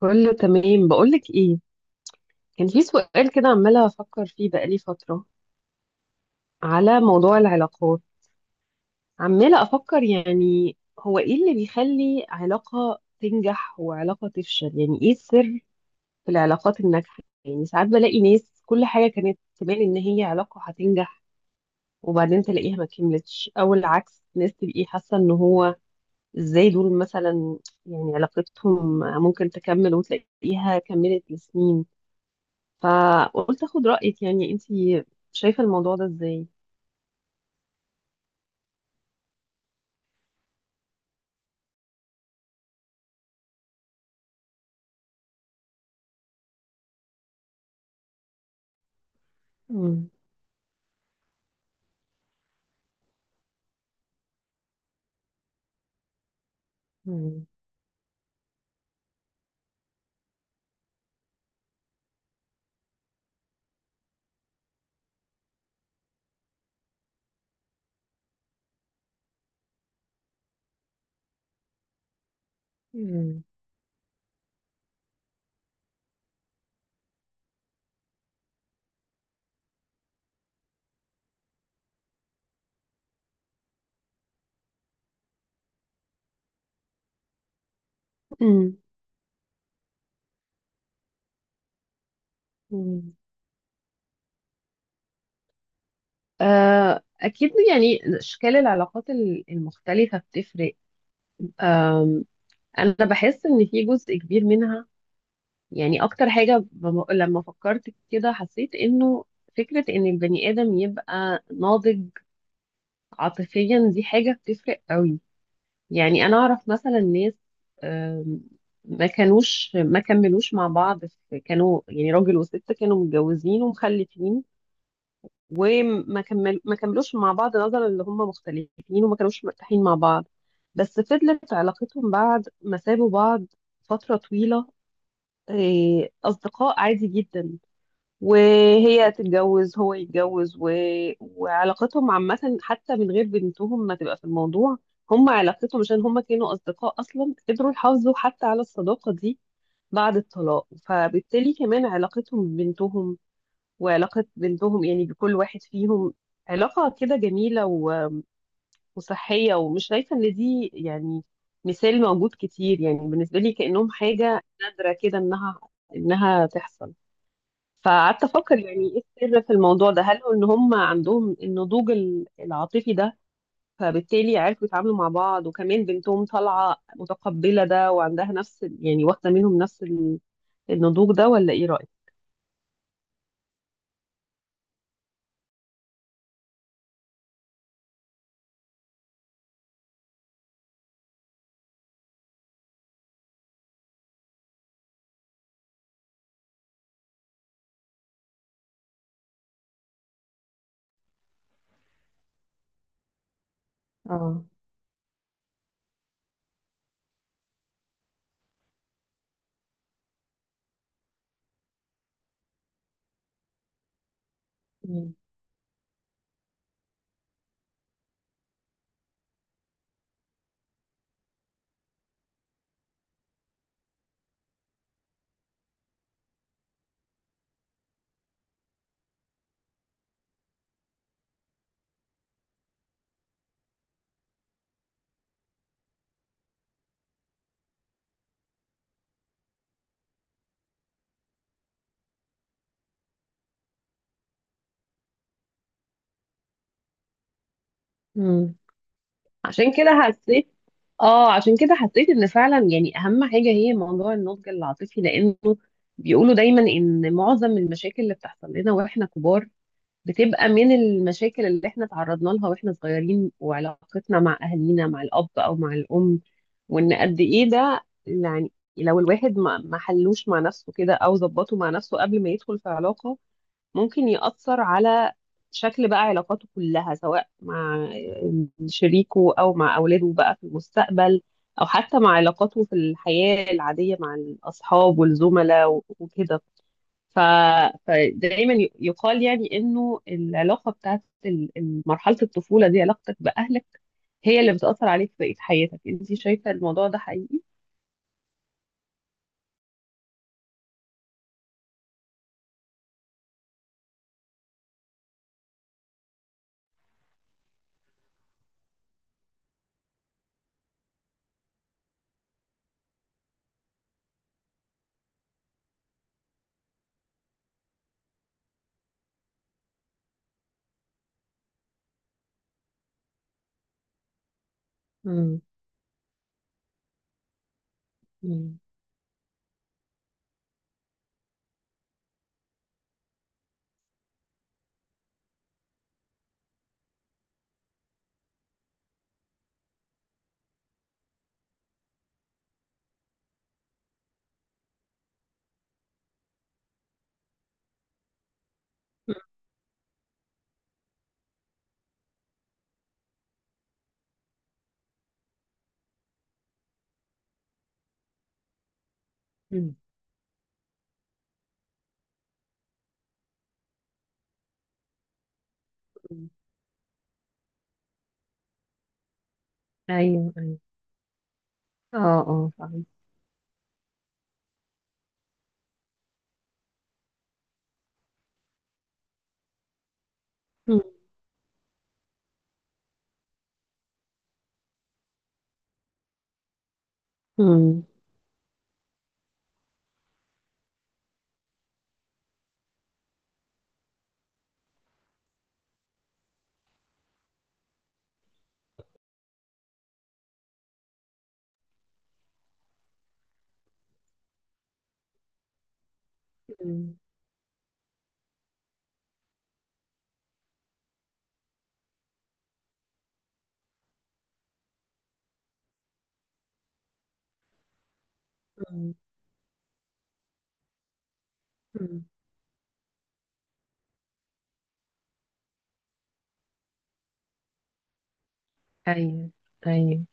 كله تمام، بقولك ايه، كان في سؤال كده عمالة أفكر فيه بقالي فترة على موضوع العلاقات. عمالة أفكر، يعني هو ايه اللي بيخلي علاقة تنجح وعلاقة تفشل؟ يعني ايه السر في العلاقات الناجحة؟ يعني ساعات بلاقي ناس كل حاجة كانت تبان إن هي علاقة هتنجح، وبعدين تلاقيها ما كملتش. أو العكس، ناس تبقي حاسة إن هو ازاي دول مثلا، يعني علاقتهم ممكن تكمل وتلاقيها كملت لسنين. فقلت اخد رأيك، يعني انتي شايفة الموضوع ده ازاي؟ مم. مم. مم. مم. مم. آه، أكيد، يعني أشكال العلاقات المختلفة بتفرق. آم، أنا بحس إن في جزء كبير منها، يعني أكتر حاجة، لما فكرت كده حسيت إنه فكرة إن البني آدم يبقى ناضج عاطفيا دي حاجة بتفرق قوي. يعني انا اعرف مثلا ناس، آم، ما كملوش مع بعض. في كانوا، يعني راجل وست، كانوا متجوزين ومخلفين وما كمل ما كملوش مع بعض نظرا ان هم مختلفين وما كانوش مرتاحين مع بعض. بس فضلت علاقتهم بعد ما سابوا بعض فترة طويلة. أصدقاء عادي جدا. وهي تتجوز، هو يتجوز، وعلاقتهم عامة، حتى من غير بنتهم ما تبقى في الموضوع. هم علاقتهم، عشان هم كانوا أصدقاء أصلا، قدروا يحافظوا حتى على الصداقة دي بعد الطلاق. فبالتالي كمان علاقتهم ببنتهم، وعلاقة بنتهم يعني بكل واحد فيهم، علاقة كده جميلة وصحية. ومش شايفة إن دي يعني مثال موجود كتير، يعني بالنسبة لي كأنهم حاجة نادرة كده إنها تحصل. فقعدت افكر يعني ايه السر في الموضوع ده؟ هل هو ان هم عندهم النضوج العاطفي ده، فبالتالي عرفوا يتعاملوا مع بعض؟ وكمان بنتهم طالعه متقبله ده وعندها نفس يعني واخده منهم نفس النضوج ده؟ ولا ايه رايك؟ اه. مم. مم. عشان كده حسيت اه عشان كده حسيت ان فعلا يعني اهم حاجه هي موضوع النضج العاطفي، لانه بيقولوا دايما ان معظم المشاكل اللي بتحصل لنا واحنا كبار بتبقى من المشاكل اللي احنا تعرضنا لها واحنا صغيرين، وعلاقتنا مع اهالينا، مع الاب او مع الام. وان قد ايه ده، يعني لو الواحد ما حلوش مع نفسه كده، او ظبطه مع نفسه قبل ما يدخل في علاقة، ممكن يأثر على شكل بقى علاقاته كلها، سواء مع شريكه او مع اولاده بقى في المستقبل، او حتى مع علاقاته في الحياة العادية مع الاصحاب والزملاء وكده. ف... فدايما يقال يعني انه العلاقه بتاعت مرحله الطفوله دي، علاقتك باهلك، هي اللي بتاثر عليك في بقيه حياتك. انت شايفه الموضوع ده حقيقي؟ مم. مم. مم. مم. ايوه، ايوه. اه، اه، فاهم. مم. مم. مم. مم. مم. ايوه، ايوه.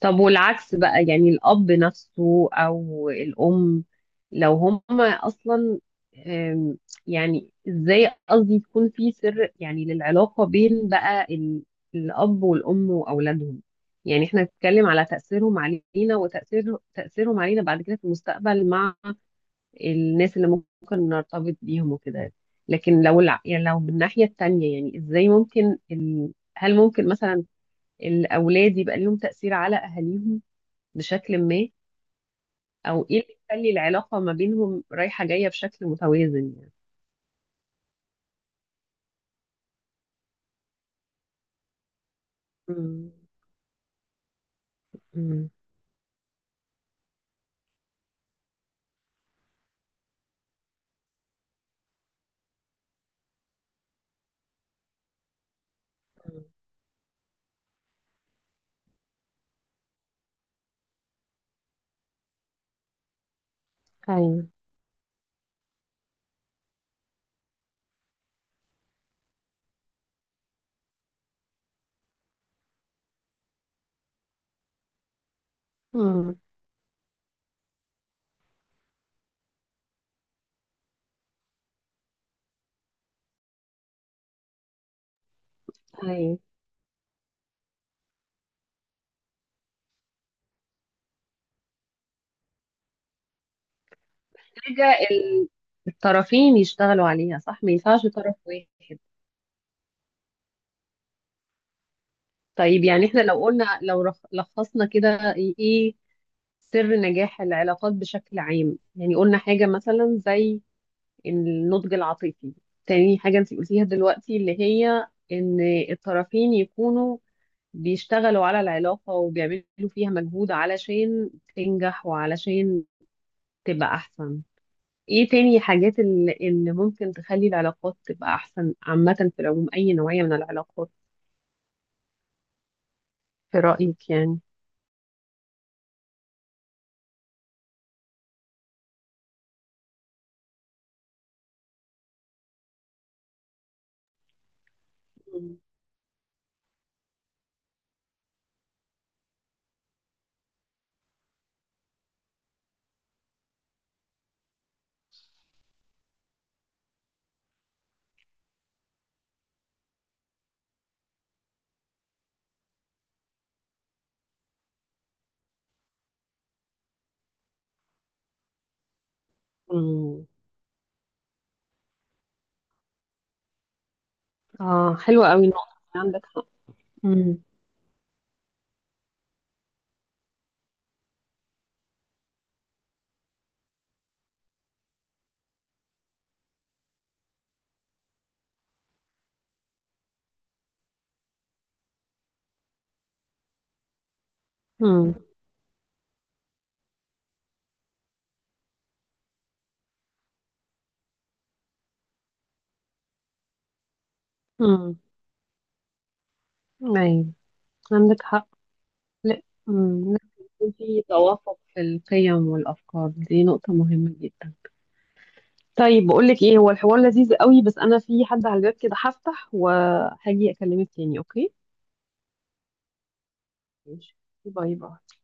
طب والعكس بقى، يعني الأب نفسه أو الأم، لو هما أصلا، أم، يعني إزاي قصدي يكون في سر، يعني للعلاقة بين بقى الأب والأم وأولادهم؟ يعني احنا نتكلم على تأثيرهم علينا، وتأثير تأثيرهم علينا بعد كده في المستقبل مع الناس اللي ممكن نرتبط بيهم وكده. لكن لو يعني لو بالناحية التانية، يعني إزاي ممكن هل ممكن مثلا الأولاد يبقى ليهم تأثير على أهاليهم بشكل ما؟ او ايه اللي يخلي العلاقة ما بينهم رايحة جاية بشكل متوازن يعني؟ مم. مم. ايوه. مم. ايوه. حاجة الطرفين يشتغلوا عليها، صح؟ ما ينفعش طرف واحد. طيب يعني احنا لو قلنا لو لخصنا كده ايه سر نجاح العلاقات بشكل عام؟ يعني قلنا حاجة مثلا زي النضج العاطفي. تاني حاجة انت قلتيها دلوقتي اللي هي ان الطرفين يكونوا بيشتغلوا على العلاقة وبيعملوا فيها مجهود علشان تنجح وعلشان تبقى أحسن. إيه تاني حاجات اللي ممكن تخلي العلاقات تبقى أحسن عامة في العموم، أي نوعية من العلاقات، في رأيك يعني؟ مم. مم. آه، حلوة قوي النقطة دي، عندك حق. مم. مم. مم. أيوة، عندك حق. لا، لازم يكون في توافق في القيم والأفكار، دي نقطة مهمة جدا. طيب، بقول لك ايه، هو الحوار لذيذ قوي بس انا في حد على الباب كده، هفتح وهاجي اكلمك تاني، اوكي؟ ماشي. باي باي.